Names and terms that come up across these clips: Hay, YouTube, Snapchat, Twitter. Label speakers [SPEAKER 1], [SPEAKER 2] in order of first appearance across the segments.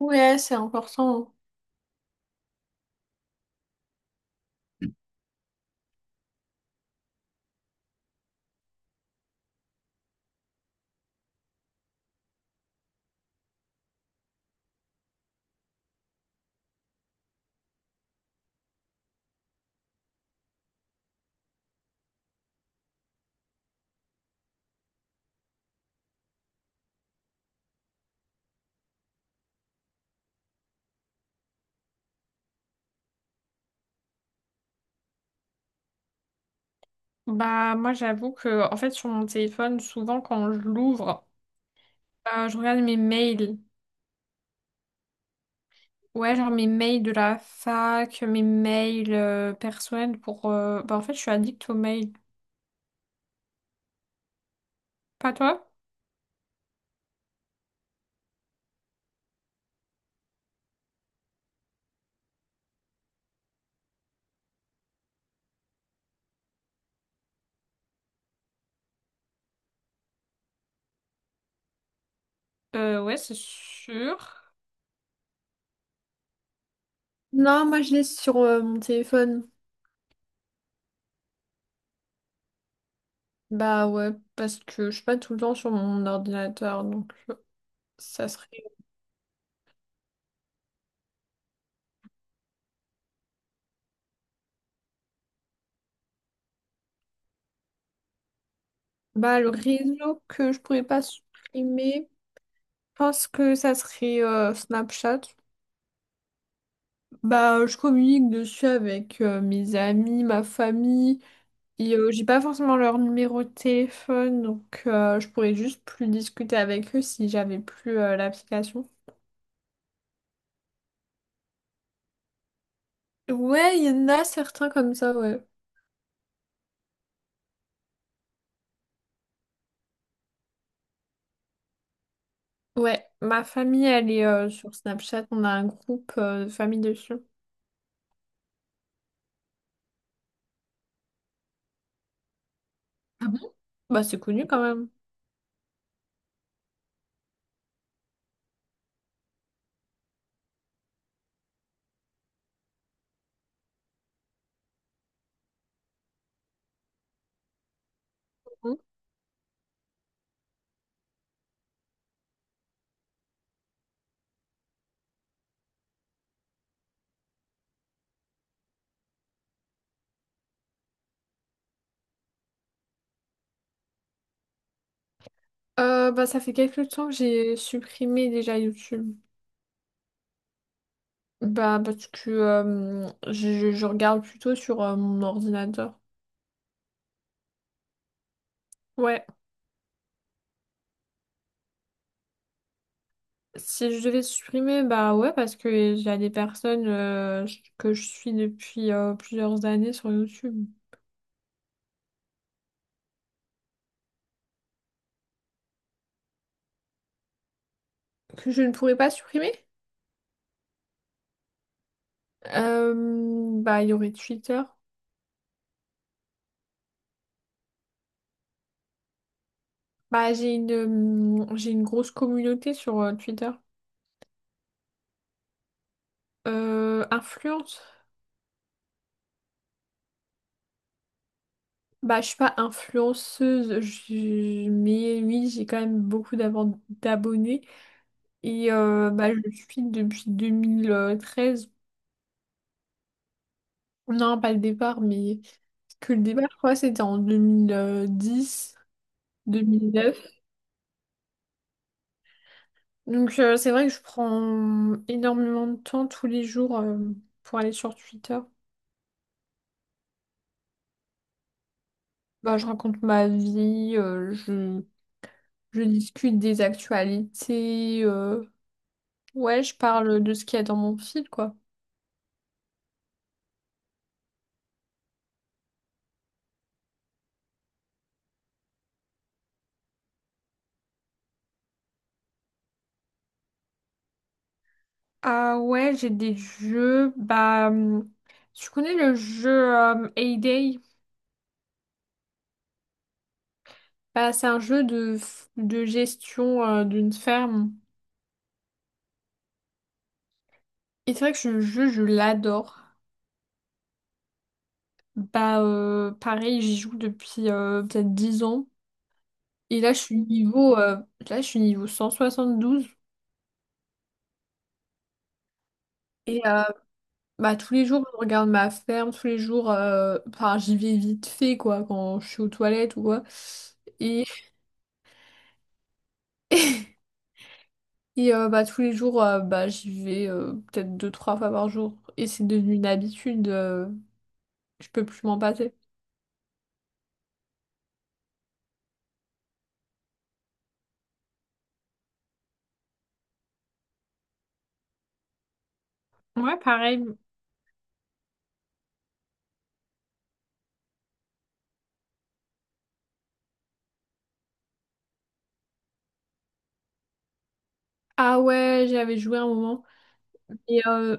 [SPEAKER 1] Ouais, c'est important. Bah moi j'avoue que en fait sur mon téléphone souvent quand je l'ouvre, je regarde mes mails, ouais, genre mes mails de la fac, mes mails personnels, pour, bah en fait je suis addict aux mails. Pas toi? Ouais, c'est sûr. Non, moi je l'ai sur mon téléphone. Bah ouais, parce que je suis pas tout le temps sur mon ordinateur, donc, ça serait... Bah le réseau que je pourrais pas supprimer, je pense que ça serait, Snapchat. Bah, je communique dessus avec mes amis, ma famille, et j'ai pas forcément leur numéro de téléphone, donc je pourrais juste plus discuter avec eux si j'avais plus l'application. Ouais, il y en a certains comme ça, ouais. Ouais, ma famille, elle est sur Snapchat, on a un groupe de famille dessus. Ah bon? Bah, c'est connu quand même. Hein. Bah, ça fait quelques temps que j'ai supprimé déjà YouTube. Bah, parce que je regarde plutôt sur mon ordinateur. Ouais. Si je devais supprimer, bah ouais, parce que il y a des personnes que je suis depuis plusieurs années sur YouTube, que je ne pourrais pas supprimer. Euh, Bah il y aurait Twitter. Bah j'ai une grosse communauté sur Twitter. Influence. Bah je suis pas influenceuse, mais oui j'ai quand même beaucoup d'abonnés, et bah je le suis depuis 2013. Non pas le départ, mais que le débat, je crois, c'était en deux mille dix, 2009. Donc c'est vrai que je prends énormément de temps tous les jours, pour aller sur Twitter. Bah, je raconte ma vie, je discute des actualités, ouais, je parle de ce qu'il y a dans mon fil, quoi. Ah ouais, j'ai des jeux. Bah, tu connais le jeu Hay. Bah, c'est un jeu de, de gestion d'une ferme. Et c'est vrai que ce jeu, je l'adore. Bah, pareil, j'y joue depuis peut-être 10 ans. Et là, je suis niveau, 172. Et bah, tous les jours, je regarde ma ferme, tous les jours, enfin, j'y vais vite fait, quoi, quand je suis aux toilettes ou quoi. Et, bah, tous les jours, bah, j'y vais peut-être deux, trois fois par jour. Et c'est devenu une habitude, je peux plus m'en passer. Ouais, pareil. Ah ouais, j'avais joué un moment. Et,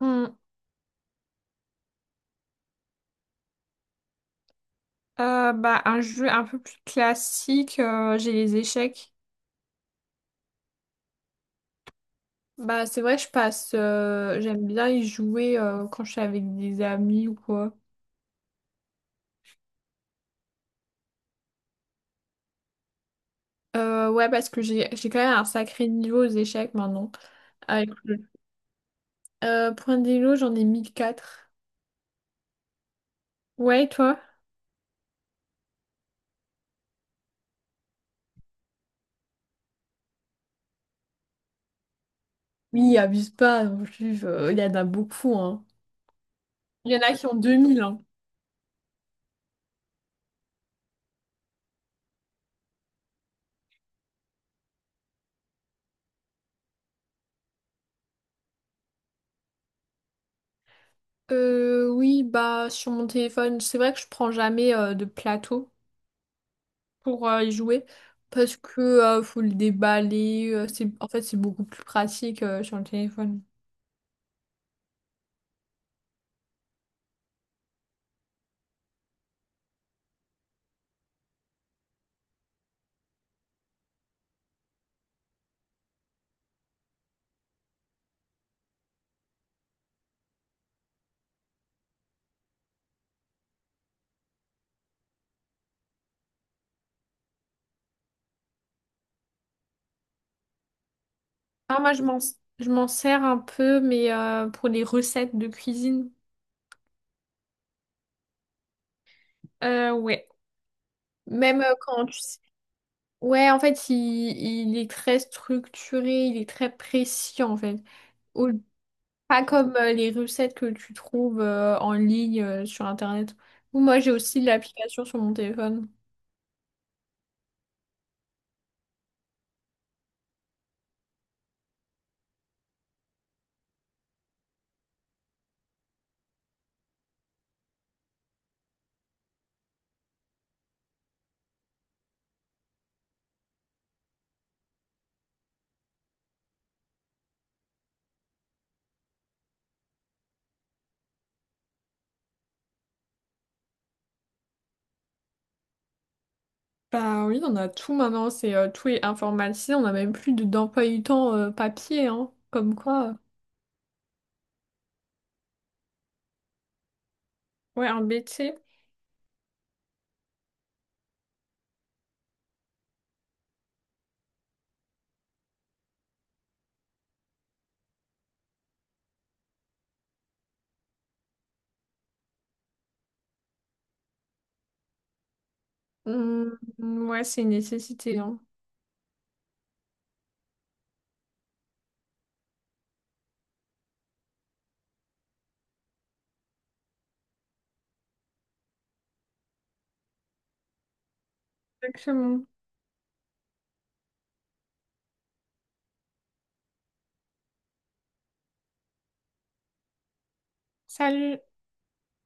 [SPEAKER 1] mmh. Bah, un jeu un peu plus classique, j'ai les échecs. Bah, c'est vrai, je passe. J'aime bien y jouer quand je suis avec des amis ou quoi. Ouais, parce que j'ai quand même un sacré niveau aux échecs maintenant. Avec le point d'élo, j'en ai mille quatre. Ouais, et toi? Oui, abuse pas non plus, il y en a beaucoup, hein. Il y en a qui ont 2000, hein. Oui, bah, sur mon téléphone, c'est vrai que je prends jamais de plateau pour y jouer, parce que faut le déballer. C'est, en fait, c'est beaucoup plus pratique sur le téléphone. Ah, moi, je m'en sers un peu, mais pour les recettes de cuisine. Ouais. Même quand tu sais. Ouais, en fait, il est très structuré, il est très précis, en fait. Au- Pas comme les recettes que tu trouves en ligne sur Internet. Ou moi, j'ai aussi l'application sur mon téléphone. Bah oui, on a tout maintenant, c'est tout est informatisé, on n'a même plus d'emploi du temps papier, hein, comme quoi. Ouais, un BT, ouais, c'est une nécessité, hein. Exactement. Salut!